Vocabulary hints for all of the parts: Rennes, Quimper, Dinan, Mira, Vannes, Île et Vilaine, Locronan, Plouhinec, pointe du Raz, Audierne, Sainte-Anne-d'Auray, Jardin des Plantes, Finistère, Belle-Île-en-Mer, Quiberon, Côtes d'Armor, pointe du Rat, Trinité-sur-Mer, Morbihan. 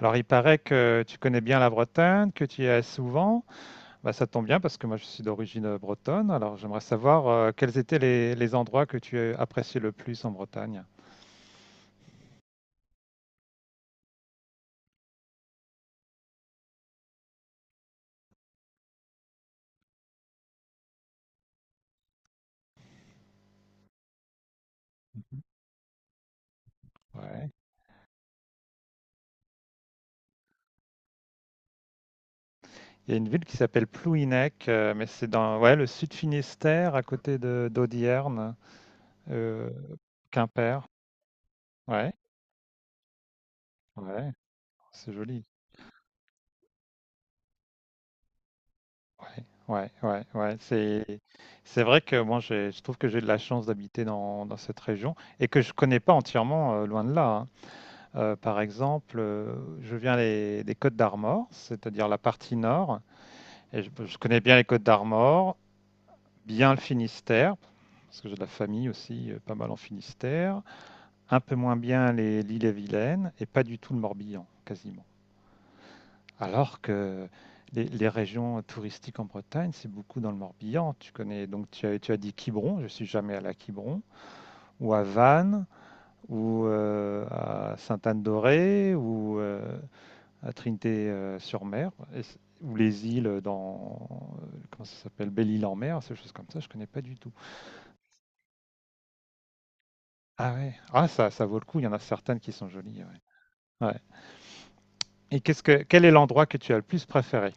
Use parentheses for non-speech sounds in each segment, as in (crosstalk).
Alors, il paraît que tu connais bien la Bretagne, que tu y es souvent. Bah, ça tombe bien parce que moi, je suis d'origine bretonne. Alors, j'aimerais savoir quels étaient les endroits que tu appréciais le plus en Bretagne. Mhm. Ouais. Il y a une ville qui s'appelle Plouhinec, mais c'est dans ouais, le sud Finistère, à côté de d'Audierne, euh, Quimper. Ouais, ouais, c'est joli. Ouais, ouais, ouais, ouais. C'est vrai que moi, je trouve que j'ai de la chance d'habiter dans cette région et que je connais pas entièrement, loin de là, hein. Par exemple, je viens des Côtes d'Armor, c'est-à-dire la partie nord, et je connais bien les Côtes d'Armor, bien le Finistère, parce que j'ai de la famille aussi, pas mal en Finistère, un peu moins bien les l'île et Vilaine, et pas du tout le Morbihan, quasiment. Alors que les régions touristiques en Bretagne, c'est beaucoup dans le Morbihan. Tu connais, donc tu as dit Quiberon, je suis jamais allé à Quiberon, ou à Vannes, ou à Sainte-Anne-d'Auray, ou à Trinité-sur-Mer, ou les îles dans. Comment ça s'appelle Belle-Île-en-Mer, ces choses comme ça, je ne connais pas du tout. Ah ouais, ah, ça vaut le coup, il y en a certaines qui sont jolies. Ouais. Ouais. Et quel est l'endroit que tu as le plus préféré,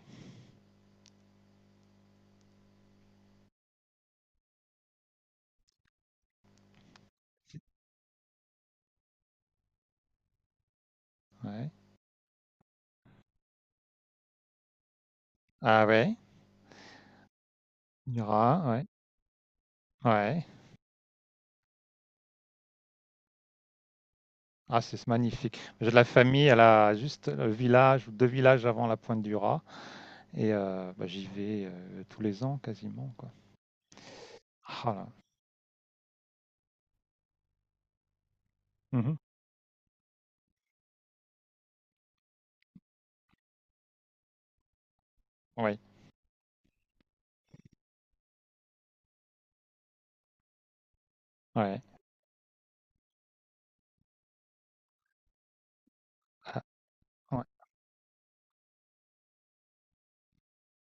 ouais. Ah ouais, Mira, ouais. Ouais. Ah, c'est magnifique. J'ai de la famille, elle a juste le village ou deux villages avant la pointe du Rat. Et bah, j'y vais tous les ans quasiment. Quoi. Ah là. Mhm. Ouais. Ouais. Ouais.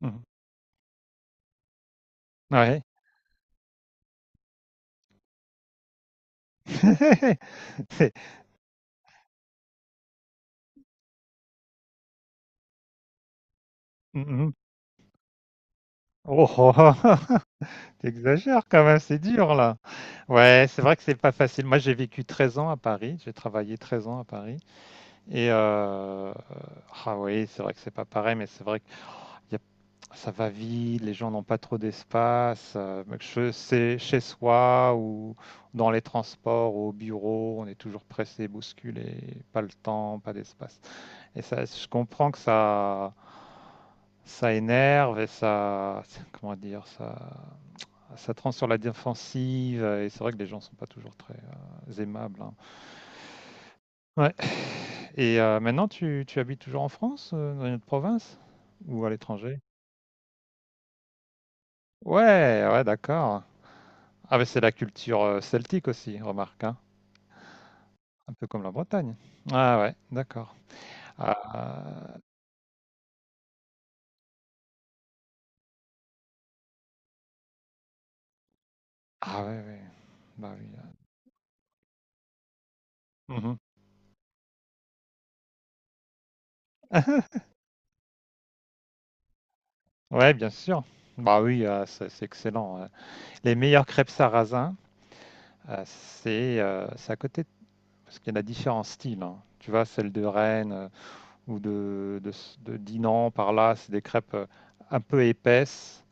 Mhm. Ouais. (laughs) C'est. Mmh. Oh (laughs) oh oh oh! Tu, quand même, c'est dur là. Ouais, c'est vrai que c'est pas facile. Moi, j'ai vécu 13 ans à Paris, j'ai travaillé 13 ans à Paris et ah oui, c'est vrai que c'est pas pareil, mais c'est vrai que y a ça va vite, les gens n'ont pas trop d'espace, que che c'est chez soi ou dans les transports, au bureau, on est toujours pressé, bousculé, pas le temps, pas d'espace. Et ça, je comprends que ça énerve et ça, comment dire, ça te rend sur la défensive. Et c'est vrai que les gens sont pas toujours très aimables, hein. Ouais. Et maintenant, tu habites toujours en France, dans une autre province ou à l'étranger? Ouais, ouais, d'accord. Ah, mais c'est la culture celtique aussi, remarque, hein. Un peu comme la Bretagne. Ah ouais, d'accord. Ah, ah ouais, ouais. Bah oui. Là. Mhm. (laughs) Ouais, bien sûr. Bah oui, c'est excellent. Les meilleures crêpes sarrasin, c'est à côté, parce qu'il y en a différents styles, hein. Tu vois, celle de Rennes ou de Dinan, par là, c'est des crêpes un peu épaisses,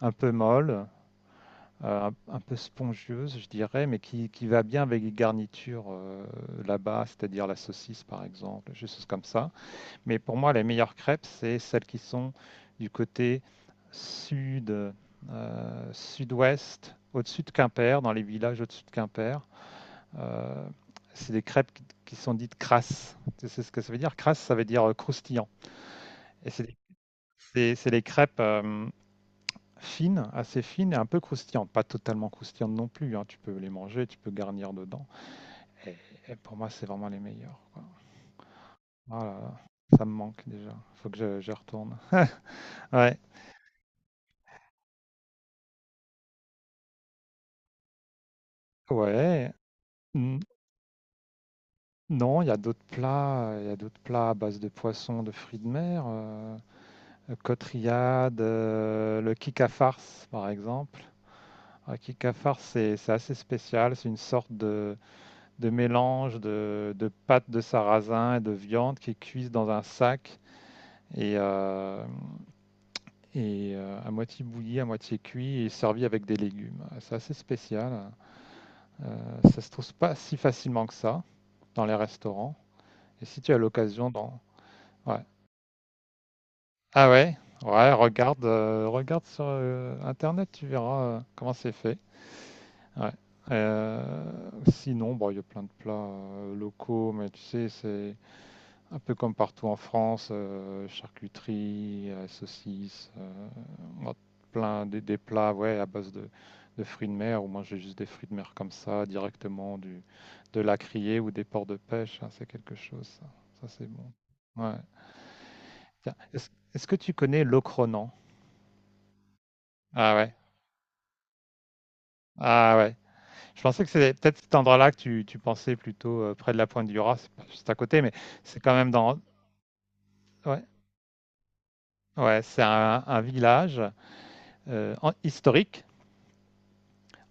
un peu molles, un peu spongieuses, je dirais, mais qui va bien avec les garnitures là-bas, c'est-à-dire la saucisse, par exemple, des choses comme ça. Mais pour moi, les meilleures crêpes, c'est celles qui sont du côté sud, sud-ouest, au-dessus de Quimper, dans les villages au-dessus de Quimper. Euh, c'est des crêpes qui sont dites crasses. Tu sais ce que ça veut dire? Crasse, ça veut dire croustillant. Et c'est des crêpes fines, assez fines et un peu croustillantes. Pas totalement croustillantes non plus, hein. Tu peux les manger, tu peux garnir dedans. Et, et pour moi, c'est vraiment les meilleures, quoi. Ah là là, ça me manque déjà. Faut que je retourne. Ouais. Ouais, mmh. Non, il y a d'autres plats à base de poissons, de fruits de mer, côte rillade, le kika farce, par exemple. Le kika farce, c'est assez spécial, c'est une sorte de mélange de pâte de sarrasin et de viande qui est cuite dans un sac et hem et à moitié bouilli, à moitié cuit et servi avec des légumes. Ah, c'est assez spécial, ça se trouve pas si facilement que ça dans les restaurants et si tu as l'occasion d'en ouais. Ah ouais, ouais, regarde sur Internet, tu verras comment c'est fait. Ouais. Euh, sinon, bon, il y a plein de plats locaux, mais tu sais, c'est un peu comme partout en France, charcuterie, saucisses, on a plein des plats, ouais, à base de fruits de mer, ou moi j'ai juste des fruits de mer comme ça, directement du, de la criée ou des ports de pêche, hein, c'est quelque chose, ça c'est bon. Ouais. Tiens, est-ce que tu connais l'ocronan? Ah ouais. Ah ouais. Je pensais que c'était peut-être cet endroit-là que tu pensais plutôt près de la pointe du Raz, c'est pas juste à côté, mais c'est quand même dans. Ouais, ouais, c'est un village historique,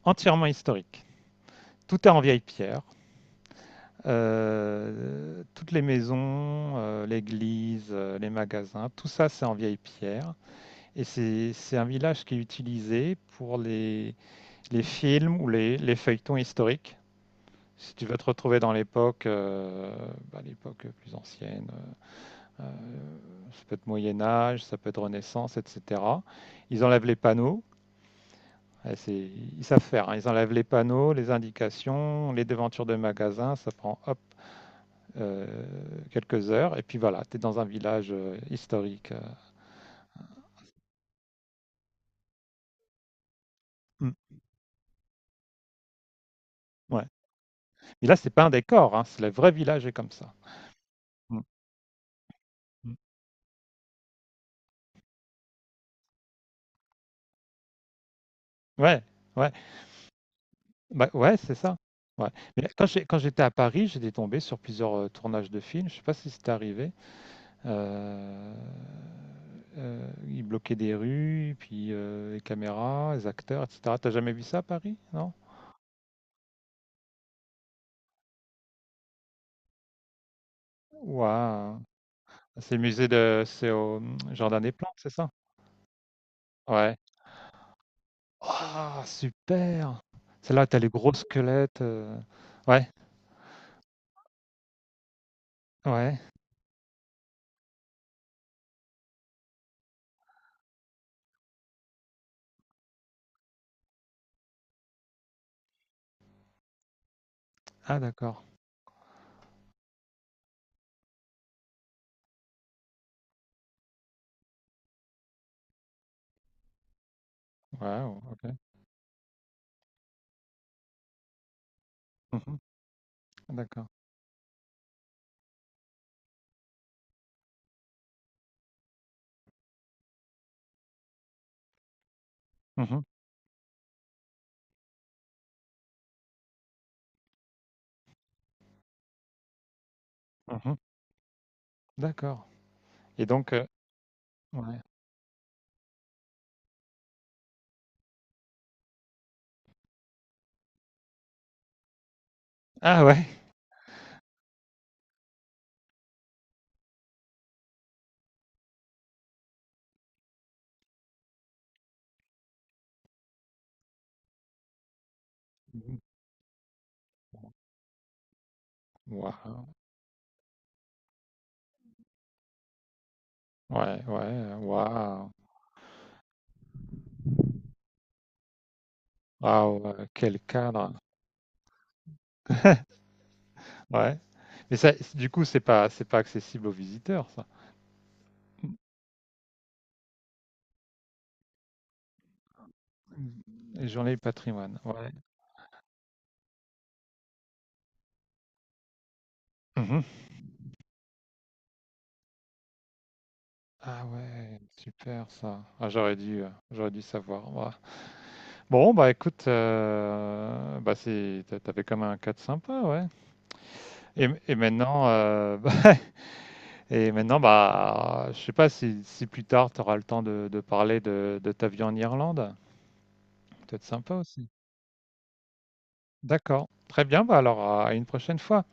entièrement historique. Tout est en vieille pierre. Toutes les maisons, l'église, les magasins, tout ça c'est en vieille pierre. Et c'est un village qui est utilisé pour les films ou les feuilletons historiques. Si tu veux te retrouver dans l'époque, bah, l'époque plus ancienne, Euh, ça peut être Moyen Âge, ça peut être Renaissance, etc. Ils enlèvent les panneaux. Eh, ils savent faire, hein. Ils enlèvent les panneaux, les indications, les devantures de magasins. Ça prend hop, euh, quelques heures. Et puis voilà, tu es dans un village historique. Mm. Ouais. Mais là, c'est pas un décor, hein. C'est le vrai village est comme ça. Mm. Mm. Ouais, ouais, bah, ouais, c'est ça. Ouais. Mais quand quand j'étais à Paris, j'étais tombé sur plusieurs tournages de films. Je sais pas si c'est arrivé. Euh, ils bloquaient des rues, puis les caméras, les acteurs, etc. T'as jamais vu ça à Paris, non? Waouh! C'est le musée c'est au Jardin des Plantes, c'est ça? Ouais. Ah, super! Celle-là, t'as les gros squelettes. Ouais, ouais. Ah, d'accord. Waouh, ok. Mhm. D'accord. Mhm. Mhm. D'accord. Et donc, ouais. Ah, ouais. Mhm. Waouh. Ouais, ouais. Waouh. Waouh, quel cadre. (laughs) Ouais. Mais ça, du coup, c'est pas accessible aux visiteurs, ça. Les journées du patrimoine. Ouais. Mhm. Ah ouais, super ça. Ah, j'aurais dû savoir, moi. Bon, bah écoute, t'avais comme un cadre sympa, ouais. Et maintenant, (laughs) bah, et maintenant, bah, je sais pas si plus tard tu auras le temps de parler de ta vie en Irlande. Peut-être sympa aussi. D'accord. Très bien. Bah alors, à une prochaine fois.